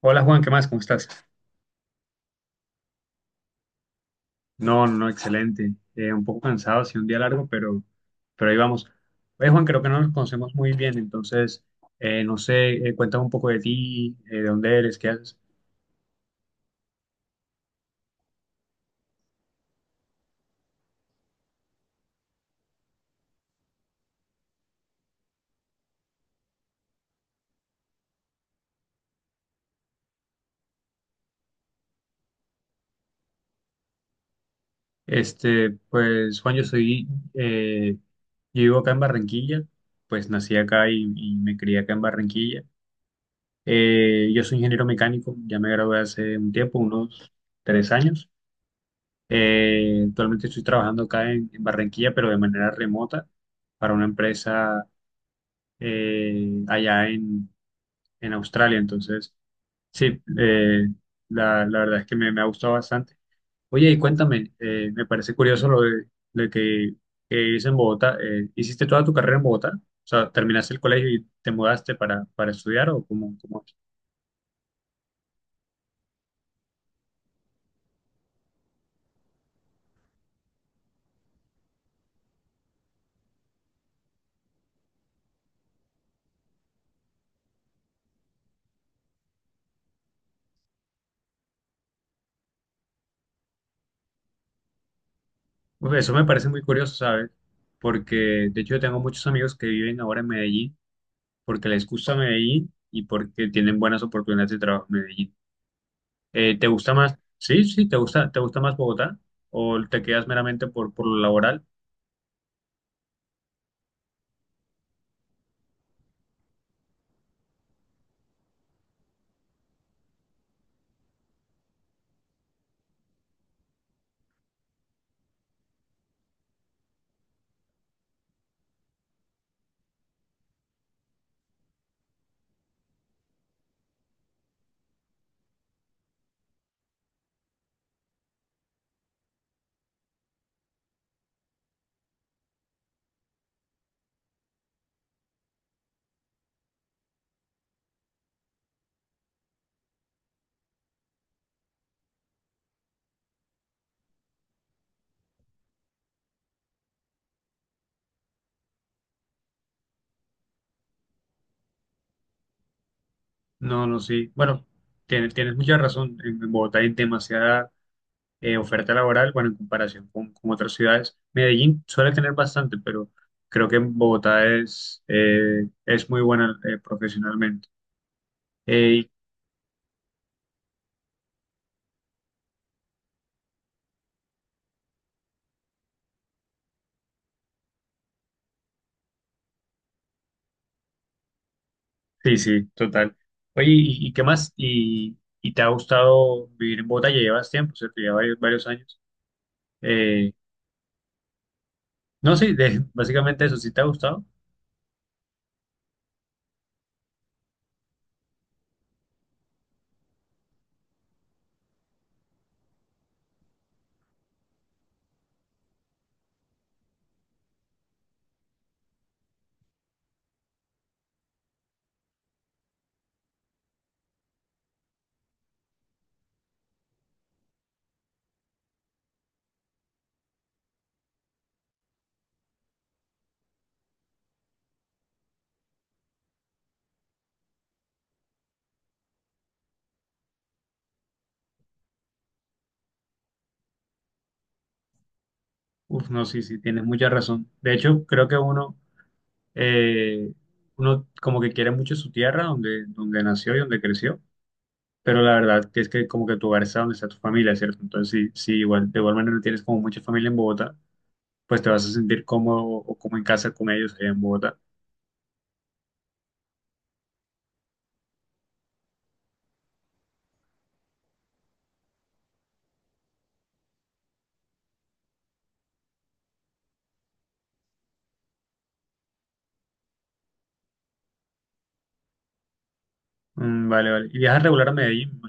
Hola Juan, ¿qué más? ¿Cómo estás? No, no, excelente. Un poco cansado, sí, un día largo, pero ahí vamos. Oye, Juan, creo que no nos conocemos muy bien, entonces, no sé, cuéntame un poco de ti, de dónde eres, qué haces. Este, pues, Juan, eh, yo vivo acá en Barranquilla, pues nací acá y me crié acá en Barranquilla. Yo soy ingeniero mecánico, ya me gradué hace un tiempo, unos 3 años. Actualmente estoy trabajando acá en Barranquilla, pero de manera remota para una empresa allá en Australia. Entonces, sí, la verdad es que me ha gustado bastante. Oye, y cuéntame, me parece curioso lo de que vives en Bogotá. ¿Hiciste toda tu carrera en Bogotá? O sea, ¿terminaste el colegio y te mudaste para estudiar o cómo es? Pues eso me parece muy curioso, ¿sabes? Porque de hecho yo tengo muchos amigos que viven ahora en Medellín porque les gusta Medellín y porque tienen buenas oportunidades de trabajo en Medellín. ¿Te gusta más? Sí, sí, ¿te gusta más Bogotá? ¿O te quedas meramente por lo laboral? No, no, sí. Bueno, tienes mucha razón. En Bogotá hay demasiada oferta laboral, bueno, en comparación con otras ciudades. Medellín suele tener bastante, pero creo que en Bogotá es muy buena profesionalmente. Eh, Sí, sí, total. Oye, ¿y qué más? ¿Y te ha gustado vivir en Bogotá? Ya llevas tiempo, ¿cierto? Ya varios, varios años. Eh, no, sí, básicamente eso, ¿sí te ha gustado? Uf, no, sí, sí, tienes mucha razón. De hecho, creo que eh, uno como que quiere mucho su tierra, donde nació y donde creció, pero la verdad que es que como que tu hogar está donde está tu familia, ¿cierto? Entonces, sí, sí, igual, de igual manera tienes como mucha familia en Bogotá, pues te vas a sentir cómodo o como en casa con ellos allá en Bogotá. Mm, vale, vale. ¿Y viajas regular a Medellín?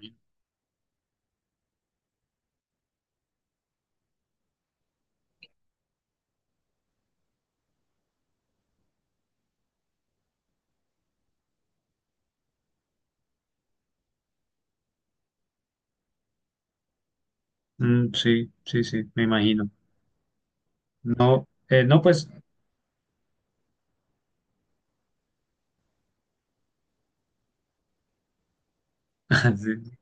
Mm, sí, sí, sí, me imagino. No, no, pues, sí,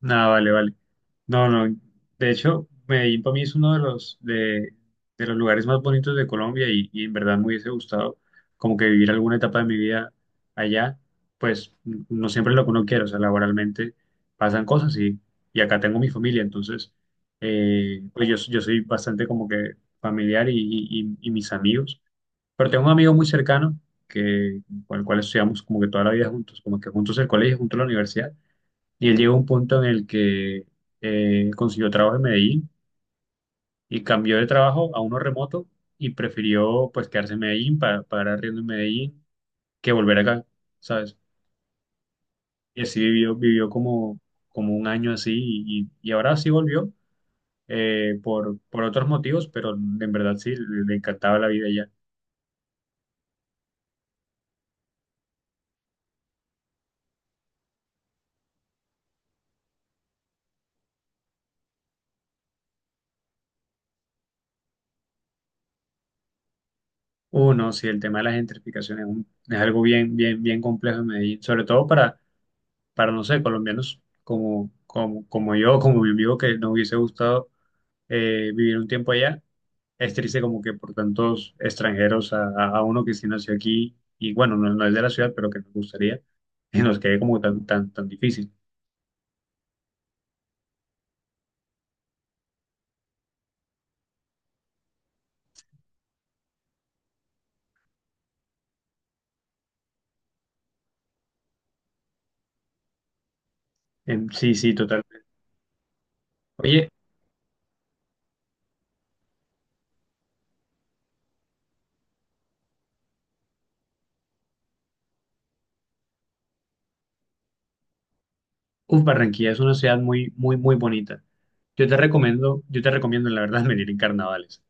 nada, vale, vale. No, no. De hecho, Medellín para mí es uno de los lugares más bonitos de Colombia y en verdad me hubiese gustado como que vivir alguna etapa de mi vida allá. Pues no siempre es lo que uno quiere, o sea, laboralmente pasan cosas y acá tengo mi familia, entonces, pues yo soy bastante como que familiar y mis amigos. Pero tengo un amigo muy cercano que, con el cual estudiamos como que toda la vida juntos, como que juntos el colegio, juntos la universidad. Y él llegó a un punto en el que consiguió trabajo en Medellín y cambió de trabajo a uno remoto y prefirió pues quedarse en Medellín para pagar arriendo en Medellín que volver acá, ¿sabes? Y así vivió como un año así y ahora sí volvió por otros motivos, pero en verdad sí, le encantaba la vida allá. Uno, sí, el tema de las gentrificaciones es algo bien, bien, bien complejo en Medellín, sobre todo para no sé, colombianos como yo, como mi amigo que nos hubiese gustado vivir un tiempo allá. Es triste como que por tantos extranjeros a uno que sí nació aquí y bueno, no es de la ciudad, pero que nos gustaría, y nos quede como tan, tan, tan difícil. Sí, sí, totalmente. Oye, uf, Barranquilla es una ciudad muy, muy, muy bonita. Yo te recomiendo, la verdad, venir en carnavales.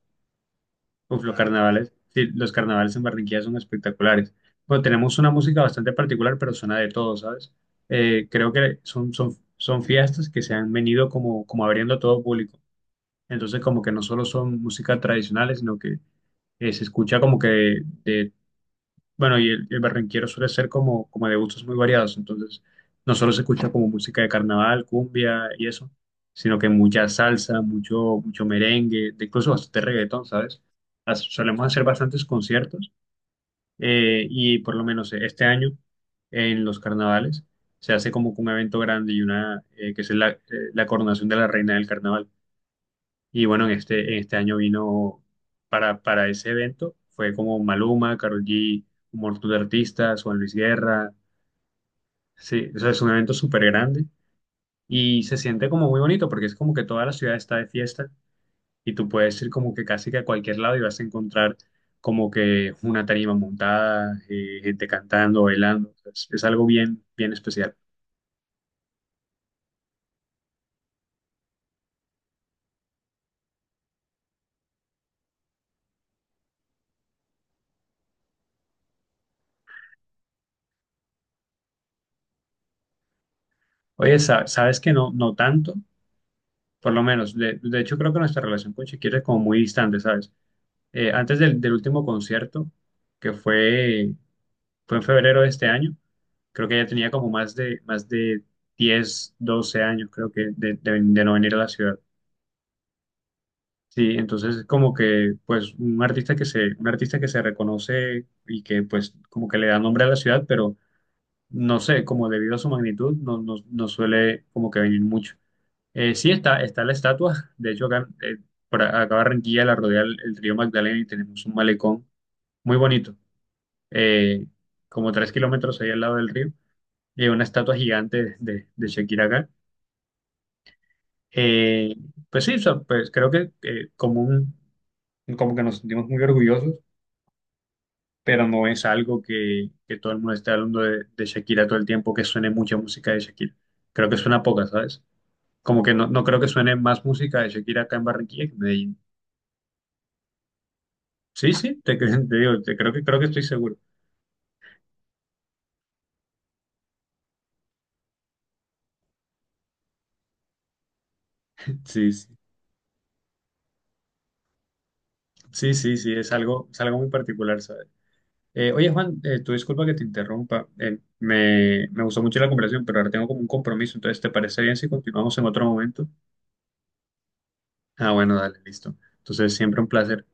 Uf, los carnavales, sí, los carnavales en Barranquilla son espectaculares. Bueno, tenemos una música bastante particular, pero suena de todo, ¿sabes? Creo que son fiestas que se han venido como abriendo a todo público. Entonces, como que no solo son músicas tradicionales, sino que se escucha como que bueno, y el barranquero suele ser como de gustos muy variados. Entonces, no solo se escucha como música de carnaval, cumbia y eso, sino que mucha salsa, mucho, mucho merengue, incluso bastante reggaetón, ¿sabes? Solemos hacer bastantes conciertos y por lo menos este año en los carnavales se hace como que un evento grande y una que es la coronación de la reina del carnaval. Y bueno, en este año vino para ese evento, fue como Maluma, Karol G, un montón de artistas, Juan Luis Guerra, sí, o sea, es un evento súper grande y se siente como muy bonito porque es como que toda la ciudad está de fiesta y tú puedes ir como que casi que a cualquier lado y vas a encontrar como que una tarima montada, gente cantando, bailando, o sea, es algo bien, bien especial. Oye, sabes que no, no tanto, por lo menos, de hecho creo que nuestra relación con Shakira es como muy distante, ¿sabes? Antes del último concierto, que fue en febrero de este año, creo que ella tenía como más de 10 12 años, creo que, de no venir a la ciudad. Sí, entonces es como que, pues, un artista que se reconoce y que, pues, como que le da nombre a la ciudad, pero no sé, como debido a su magnitud, no suele como que venir mucho. Sí está la estatua, de hecho acá, por acá Barranquilla la rodea el río Magdalena y tenemos un malecón muy bonito. eh, como 3 kilómetros ahí al lado del río, y hay una estatua gigante de Shakira acá. Eh, pues sí, o sea, pues creo que como que nos sentimos muy orgullosos, pero no es algo que todo el mundo esté hablando de Shakira todo el tiempo, que suene mucha música de Shakira. Creo que suena poca, ¿sabes? Como que no creo que suene más música de Shakira acá en Barranquilla que en Medellín. Sí, sí, te digo, creo que estoy seguro. Sí, sí. Sí, sí, sí, es algo muy particular, ¿sabes? Oye, Juan, tú disculpa que te interrumpa. Me gustó mucho la conversación, pero ahora tengo como un compromiso. Entonces, ¿te parece bien si continuamos en otro momento? Ah, bueno, dale, listo. Entonces, siempre un placer.